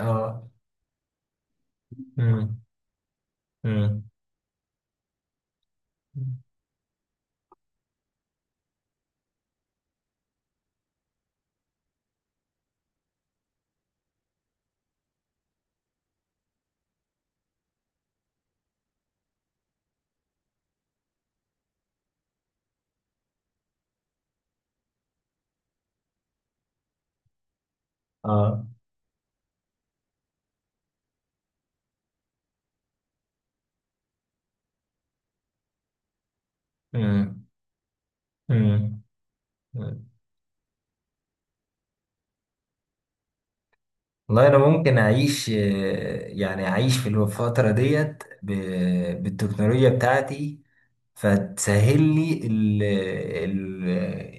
اه. مم. مم. اه. مم. مم. مم. والله انا ممكن اعيش، يعني اعيش في الفتره ديت بالتكنولوجيا بتاعتي، فتسهل لي ال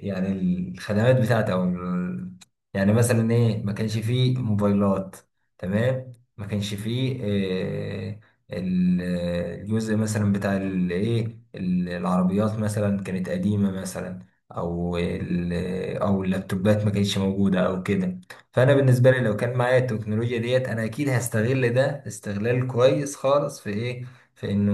يعني الخدمات بتاعتي او يعني مثلا ايه ما كانش فيه موبايلات. تمام، ما كانش فيه ال- الجزء مثلا بتاع الايه العربيات مثلا كانت قديمة مثلا، او او اللابتوبات ما كانتش موجودة او كده. فانا بالنسبة لي لو كان معايا التكنولوجيا ديت انا اكيد هستغل ده استغلال كويس خالص في ايه، في انه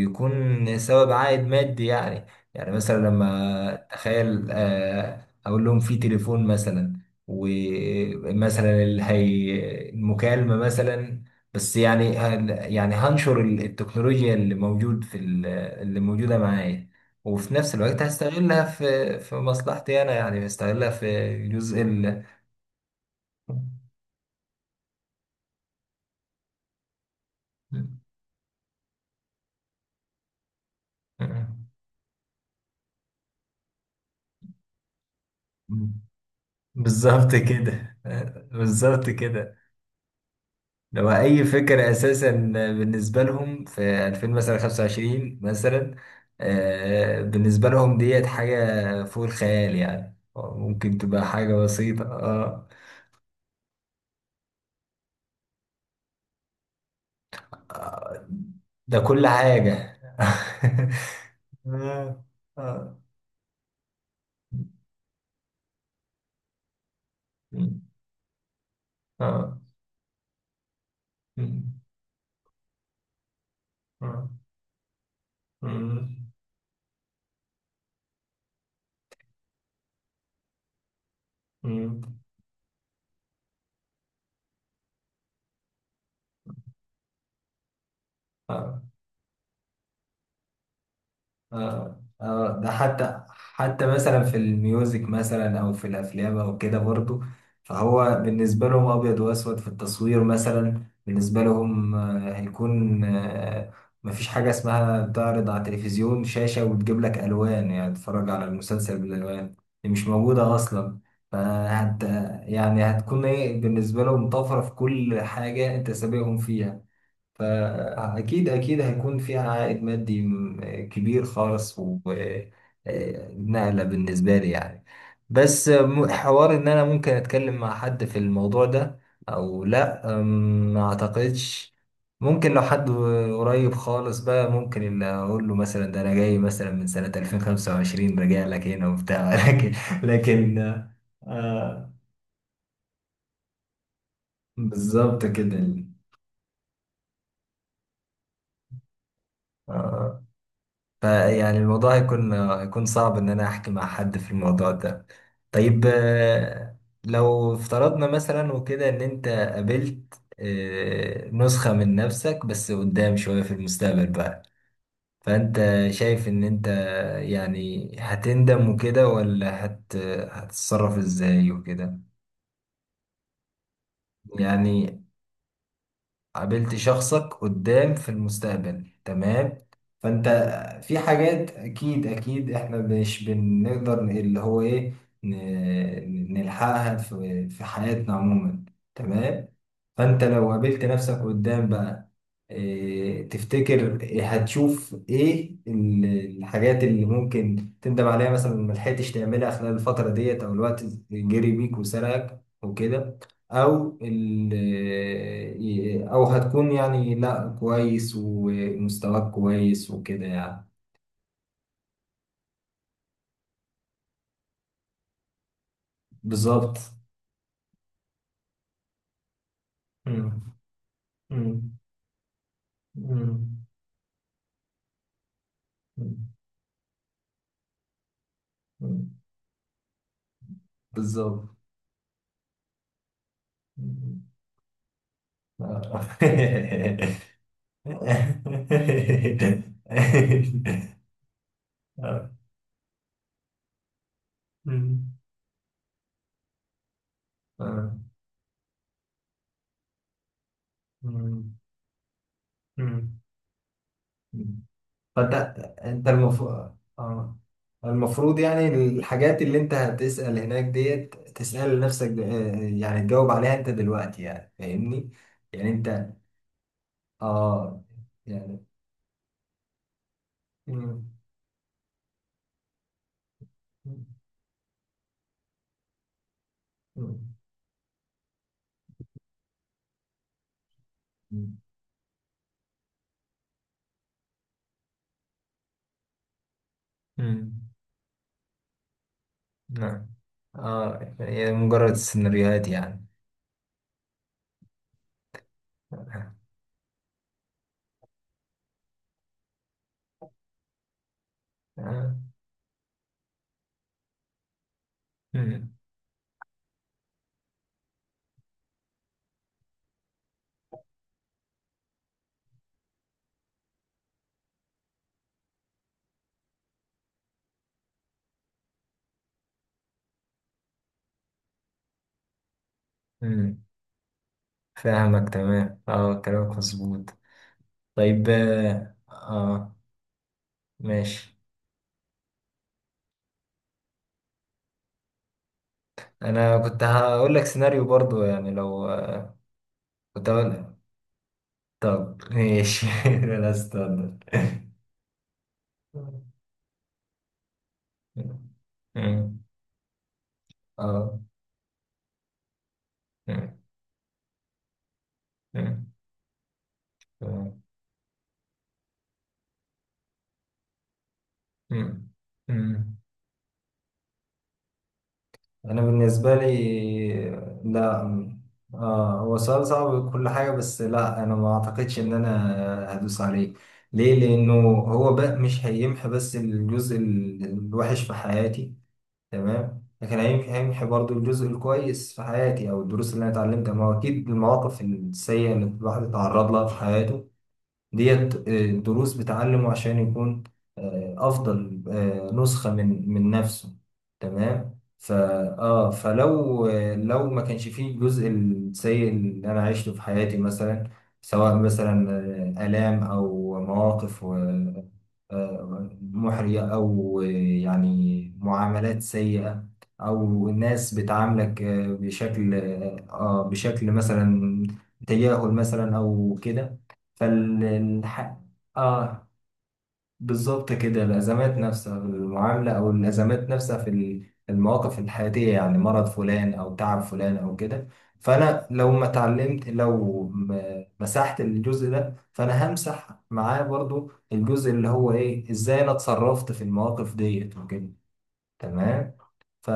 يكون سبب عائد مادي يعني. يعني مثلا لما تخيل، اقول لهم في تليفون مثلا، ومثلا اللي هي المكالمة مثلا، بس يعني يعني هنشر التكنولوجيا اللي موجود في اللي موجودة معايا، وفي نفس الوقت هستغلها في مصلحتي انا، يعني هستغلها في جزء ال. بالظبط كده. بالظبط كده، لو اي فكره اساسا بالنسبه لهم في 2000 مثلا 25 مثلا، بالنسبه لهم ديت حاجه فوق الخيال، يعني ممكن تبقى حاجه بسيطه. اه، ده كل حاجه. آه. آه. آه. آه. آه. آه. آه. آه. اه، اه، ده حتى مثلا في الميوزك مثلا او في الافلام او كده برضو، فهو بالنسبه لهم ابيض واسود في التصوير، مثلا بالنسبه لهم هيكون، مفيش حاجه اسمها تعرض على تلفزيون شاشه وتجيب لك الوان، يعني تتفرج على المسلسل بالالوان. دي مش موجوده اصلا. فهت يعني هتكون ايه بالنسبه لهم، طفره في كل حاجه، انت سابقهم فيها. فأكيد أكيد هيكون فيها عائد مادي كبير خالص، ونقلة بالنسبة لي يعني. بس حوار إن أنا ممكن أتكلم مع حد في الموضوع ده أو لأ، ما أعتقدش. ممكن لو حد قريب خالص بقى، ممكن اللي أقول له مثلا ده أنا جاي مثلا من سنة 2025 راجع لك هنا وبتاع. لكن، لكن آه بالظبط كده. آه فيعني الموضوع هيكون صعب إن أنا أحكي مع حد في الموضوع ده. طيب، لو افترضنا مثلا وكده إن أنت قابلت نسخة من نفسك بس قدام شوية في المستقبل بقى، فأنت شايف إن أنت يعني هتندم وكده، ولا هتتصرف إزاي وكده؟ يعني قابلت شخصك قدام في المستقبل، تمام. فانت في حاجات اكيد اكيد احنا مش بنقدر اللي هو ايه، نلحقها في حياتنا عموما، تمام. فانت لو قابلت نفسك قدام بقى، إيه تفتكر، إيه هتشوف، ايه الحاجات اللي ممكن تندم عليها مثلا ما لحقتش تعملها خلال الفترة ديت، او الوقت جري بيك وسرقك وكده، او ال، او هتكون يعني لا كويس ومستواك كويس وكده يعني. بالظبط. مم. مم. مم. مم. بالظبط. مم. آه. آه. مم. آه. مم. مم. فانت انت المفروض، المفروض يعني الحاجات اللي انت هتسأل هناك ديت تسأل لنفسك يعني تجاوب عليها انت دلوقتي، يعني فاهمني، يعني انت اه يعني. مم. مم. مم. مم. نعم، اه، هي مجرد سيناريوهات يعني. آه. مم. مم. فاهمك تمام، اه كلامك مظبوط. طيب، ماشي. انا كنت هقول لك سيناريو برضو يعني لو كنت هقول لك. طب ماشي، لا استنى. اه، انا بالنسبه لي لا، اه هو سؤال صعب وكل حاجه، بس لا انا ما اعتقدش ان انا هدوس عليه. ليه؟ لانه هو بقى مش هيمحي بس الجزء الوحش في حياتي، تمام، لكن هيمحي، هيمحي برضو الجزء الكويس في حياتي او الدروس اللي انا اتعلمتها. ما هو اكيد المواقف السيئه اللي الواحد اتعرض لها في حياته ديت دروس بتعلمه عشان يكون أفضل نسخة من نفسه، تمام. فلو، لو ما كانش فيه الجزء السيء اللي أنا عشته في حياتي مثلا، سواء مثلا آلام أو مواقف محرجة، أو يعني معاملات سيئة، أو الناس بتعاملك بشكل، بشكل مثلا تجاهل مثلا أو كده، فالح... اه بالظبط كده، الأزمات نفسها في المعاملة أو الأزمات نفسها في المواقف الحياتية، يعني مرض فلان أو تعب فلان أو كده. فأنا لو ما اتعلمت، لو مسحت الجزء ده، فأنا همسح معاه برضو الجزء اللي هو إيه إزاي أنا اتصرفت في المواقف ديت وكده، تمام. ف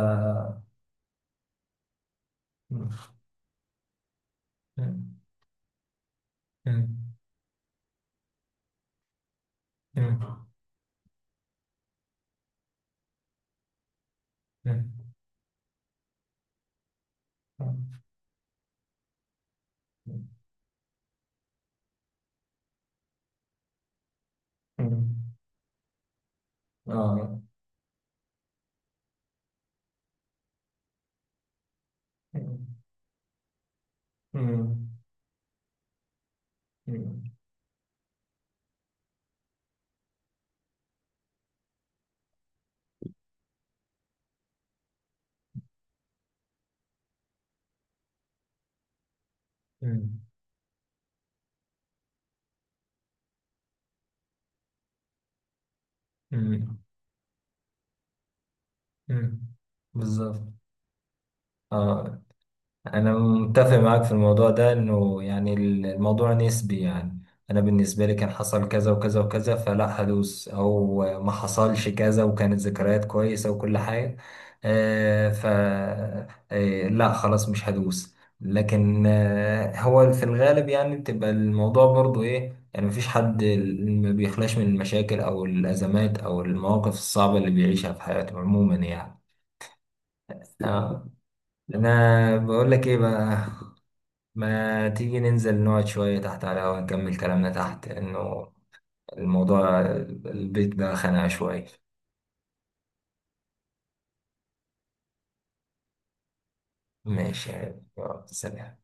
آه مم. مم. مم. بالظبط. اه، أنا متفق معاك في الموضوع ده، إنه يعني الموضوع نسبي يعني. أنا بالنسبة لي كان حصل كذا وكذا وكذا فلا هدوس، أو ما حصلش كذا وكانت ذكريات كويسة وكل حاجة. آه ف آه لا خلاص مش هدوس، لكن هو في الغالب، يعني بتبقى الموضوع برضو إيه، يعني مفيش حد ما بيخلاش من المشاكل أو الأزمات أو المواقف الصعبة اللي بيعيشها في حياته عموما يعني. آه. أنا بقول لك إيه بقى، ما تيجي ننزل نقعد شوية تحت على الهوا نكمل كلامنا تحت لأنه الموضوع، البيت ده خانقة شوية. ماشي، يلا سلام.